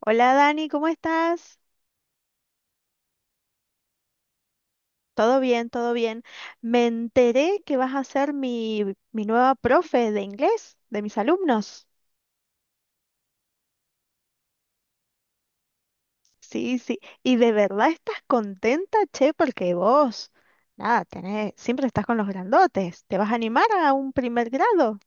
Hola Dani, ¿cómo estás? Todo bien, todo bien. Me enteré que vas a ser mi nueva profe de inglés, de mis alumnos. Sí, sí. ¿Y de verdad estás contenta, che? Porque vos, nada, tenés, siempre estás con los grandotes. ¿Te vas a animar a un primer grado?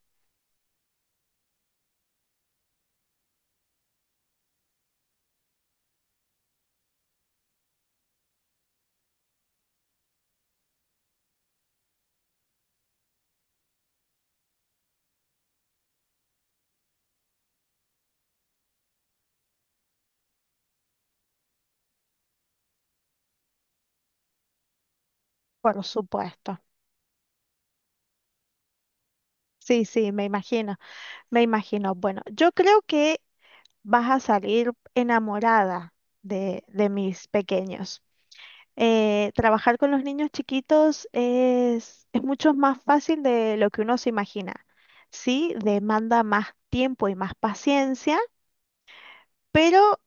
Por supuesto. Sí, sí, me imagino, me imagino. Bueno, yo creo que vas a salir enamorada de mis pequeños. Trabajar con los niños chiquitos es mucho más fácil de lo que uno se imagina. Sí, demanda más tiempo y más paciencia, pero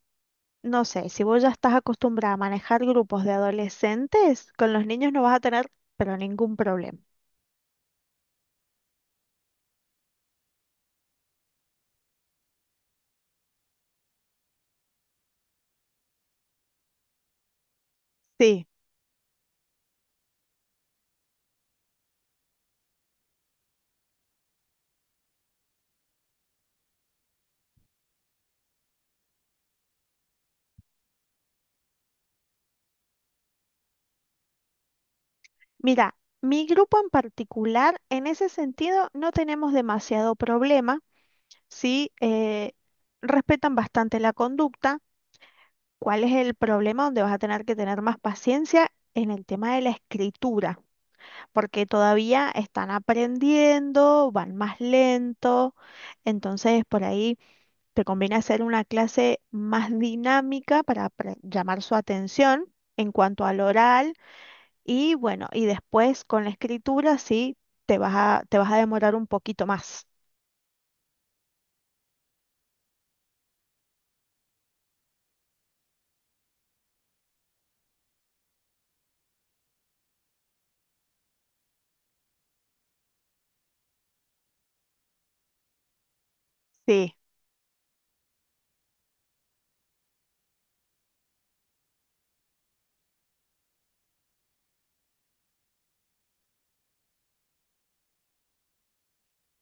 no sé, si vos ya estás acostumbrada a manejar grupos de adolescentes, con los niños no vas a tener, pero ningún problema. Sí, mira, mi grupo en particular, en ese sentido, no tenemos demasiado problema, sí, respetan bastante la conducta. ¿Cuál es el problema donde vas a tener que tener más paciencia en el tema de la escritura? Porque todavía están aprendiendo, van más lento, entonces por ahí te conviene hacer una clase más dinámica para llamar su atención en cuanto al oral, y bueno, y después con la escritura sí te vas a demorar un poquito más. Sí.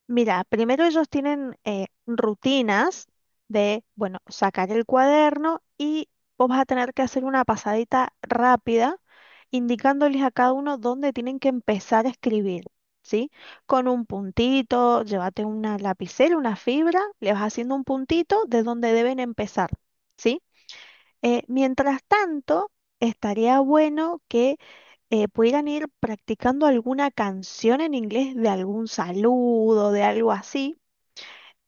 Mira, primero ellos tienen rutinas de, bueno, sacar el cuaderno, y vos vas a tener que hacer una pasadita rápida indicándoles a cada uno dónde tienen que empezar a escribir, ¿sí? Con un puntito, llévate una lapicera, una fibra, le vas haciendo un puntito de dónde deben empezar, ¿sí? Mientras tanto, estaría bueno que pudieran ir practicando alguna canción en inglés, de algún saludo, de algo así.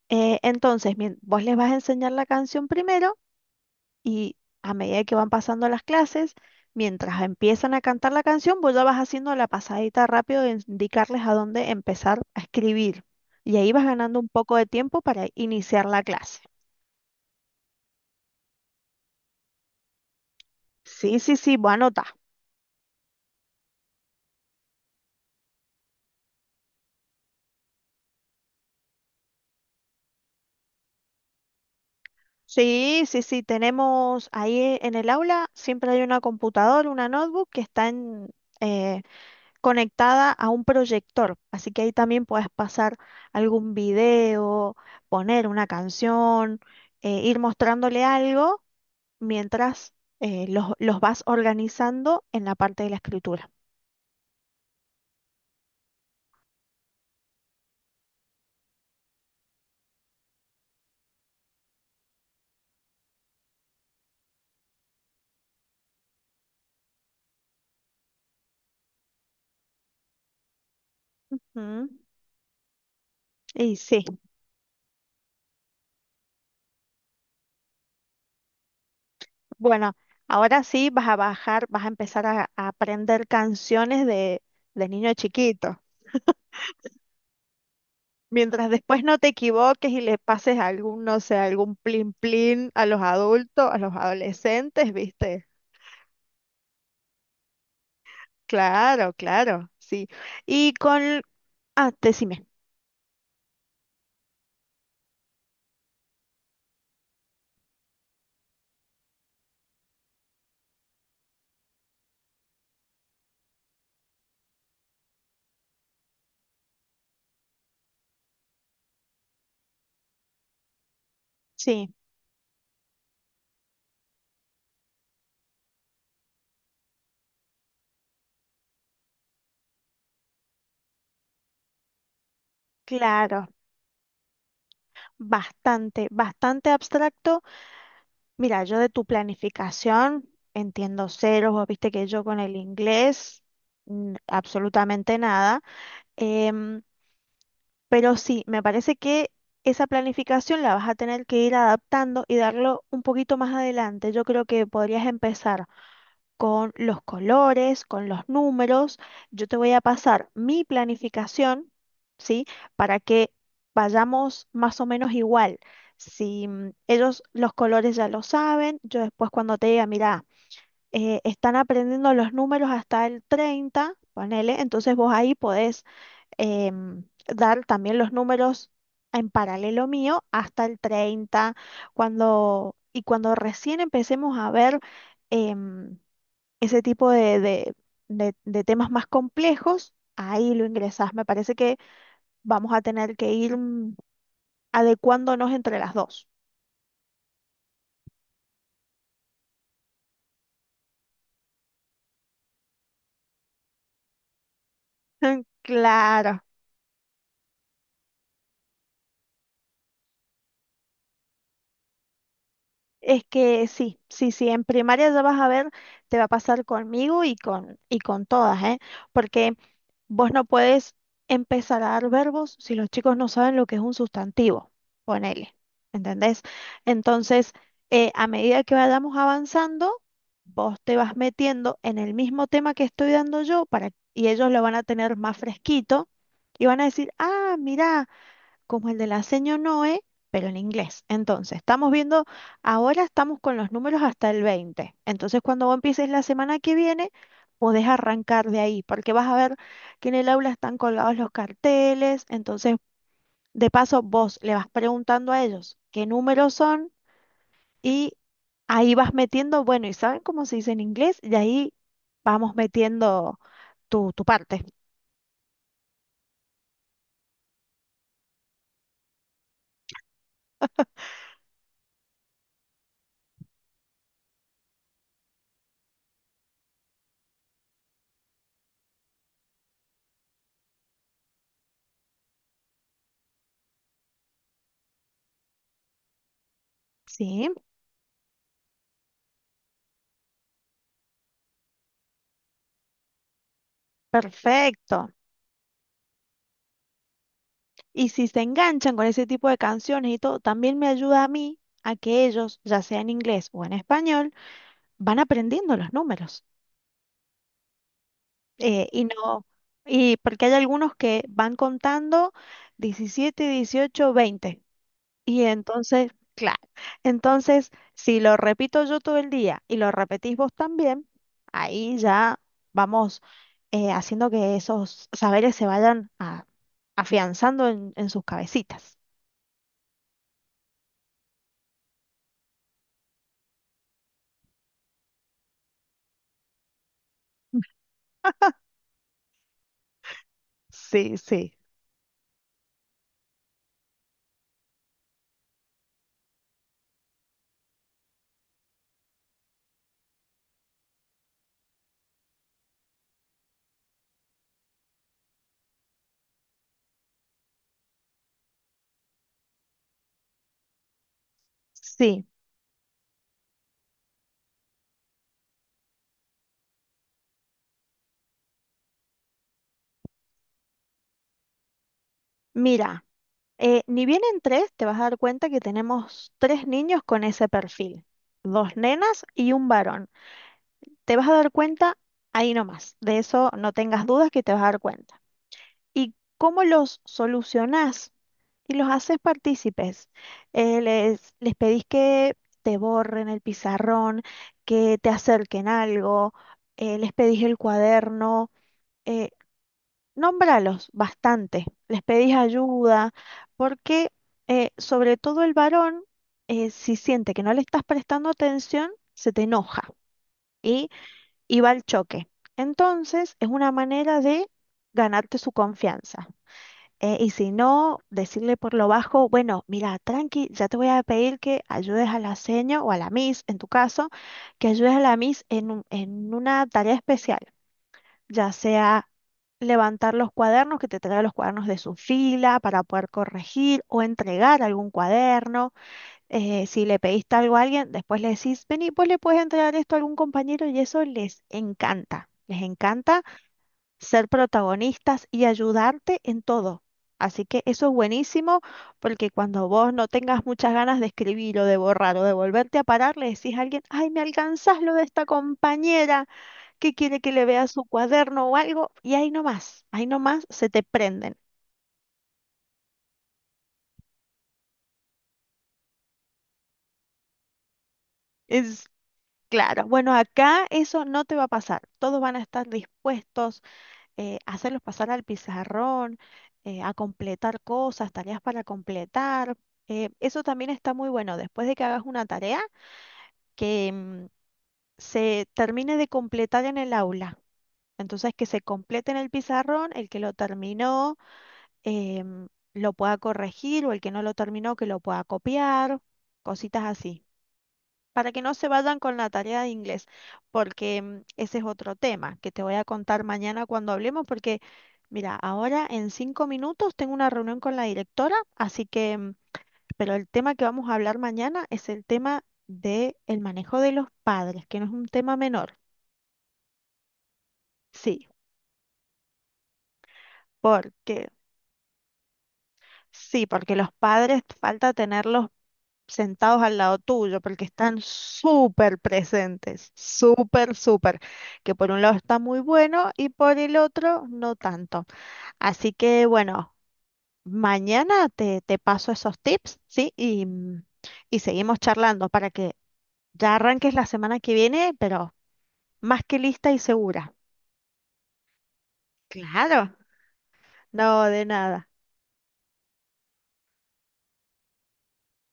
Entonces, vos les vas a enseñar la canción primero, y a medida que van pasando las clases, mientras empiezan a cantar la canción, vos ya vas haciendo la pasadita rápido de indicarles a dónde empezar a escribir. Y ahí vas ganando un poco de tiempo para iniciar la clase. Sí, sí, sí, vos anotá. Sí, sí, sí, tenemos ahí en el aula, siempre hay una computadora, una notebook que está eh, conectada a un proyector, así que ahí también puedes pasar algún video, poner una canción, ir mostrándole algo mientras los vas organizando en la parte de la escritura. Ujú. Y sí, bueno, ahora sí vas a bajar, vas a empezar a aprender canciones de niño chiquito. Mientras después no te equivoques y le pases algún, no sé, algún plin plin a los adultos, a los adolescentes, ¿viste? Claro, claro, sí. Y con... Ah, decime. Sí, claro, bastante, bastante abstracto. Mira, yo de tu planificación entiendo ceros. Vos viste que yo con el inglés, absolutamente nada. Em, Pero sí, me parece que esa planificación la vas a tener que ir adaptando y darlo un poquito más adelante. Yo creo que podrías empezar con los colores, con los números. Yo te voy a pasar mi planificación, ¿sí? Para que vayamos más o menos igual. Si mm, Ellos los colores ya lo saben, yo después cuando te diga, mira, están aprendiendo los números hasta el 30, ponele, entonces vos ahí podés dar también los números en paralelo mío hasta el 30 y cuando recién empecemos a ver em, ese tipo de temas más complejos, ahí lo ingresás. Me parece que vamos a tener que ir adecuándonos entre las dos. Claro. Es que sí, sí, sí, en primaria ya vas a ver, te va a pasar conmigo y con todas, ¿eh? Porque vos no puedes empezar a dar verbos si los chicos no saben lo que es un sustantivo, ponele, ¿entendés? Entonces, a medida que vayamos avanzando, vos te vas metiendo en el mismo tema que estoy dando yo, para, y ellos lo van a tener más fresquito y van a decir, ah, mirá como el de la seño Noe, pero en inglés. Entonces, estamos viendo, ahora estamos con los números hasta el 20. Entonces, cuando vos empieces la semana que viene, podés arrancar de ahí, porque vas a ver que en el aula están colgados los carteles. Entonces, de paso, vos le vas preguntando a ellos qué números son, y ahí vas metiendo, bueno, ¿y saben cómo se dice en inglés? Y ahí vamos metiendo tu parte. Sí, perfecto. Y si se enganchan con ese tipo de canciones y todo, también me ayuda a mí a que ellos, ya sea en inglés o en español, van aprendiendo los números. Y no, y porque hay algunos que van contando 17, 18, 20. Y entonces, claro, entonces si lo repito yo todo el día y lo repetís vos también, ahí ya vamos haciendo que esos saberes se vayan afianzando en sus cabecitas. Sí, sí, sí. Mira, ni bien en tres te vas a dar cuenta que tenemos tres niños con ese perfil, dos nenas y un varón. Te vas a dar cuenta ahí nomás, de eso no tengas dudas que te vas a dar cuenta. ¿Y cómo los solucionás? Y los haces partícipes. Les pedís que te borren el pizarrón, que te acerquen algo, les pedís el cuaderno. eh, Nómbralos bastante, les pedís ayuda, porque sobre todo el varón, si siente que no le estás prestando atención, se te enoja y, y va al choque. Entonces, es una manera de ganarte su confianza. Y si no, decirle por lo bajo, bueno, mira, tranqui, ya te voy a pedir que ayudes a la seño o a la miss, en tu caso, que ayudes a la miss en una tarea especial, ya sea levantar los cuadernos, que te traiga los cuadernos de su fila para poder corregir o entregar algún cuaderno. Si le pediste algo a alguien, después le decís, vení, pues le puedes entregar esto a algún compañero, y eso les encanta. Les encanta ser protagonistas y ayudarte en todo. Así que eso es buenísimo, porque cuando vos no tengas muchas ganas de escribir o de borrar o de volverte a parar, le decís a alguien, ay, me alcanzás lo de esta compañera que quiere que le vea su cuaderno o algo, y ahí nomás se te prenden. Es claro, bueno, acá eso no te va a pasar. Todos van a estar dispuestos a hacerlos pasar al pizarrón, a completar cosas, tareas para completar. Eso también está muy bueno, después de que hagas una tarea, que se termine de completar en el aula. Entonces, que se complete en el pizarrón, el que lo terminó em, lo pueda corregir, o el que no lo terminó que lo pueda copiar, cositas así, para que no se vayan con la tarea de inglés, porque ese es otro tema que te voy a contar mañana cuando hablemos, porque mira, ahora en 5 minutos tengo una reunión con la directora, así que pero el tema que vamos a hablar mañana es el tema del manejo de los padres, que no es un tema menor, sí, porque... Sí, porque los padres falta tenerlos sentados al lado tuyo, porque están súper presentes, súper, súper, que por un lado está muy bueno y por el otro no tanto. Así que bueno, mañana te paso esos tips, ¿sí? Y seguimos charlando para que ya arranques la semana que viene, pero más que lista y segura. Claro, no, de nada.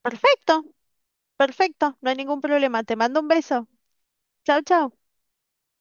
Perfecto, perfecto, no hay ningún problema. Te mando un beso. Chao, chao.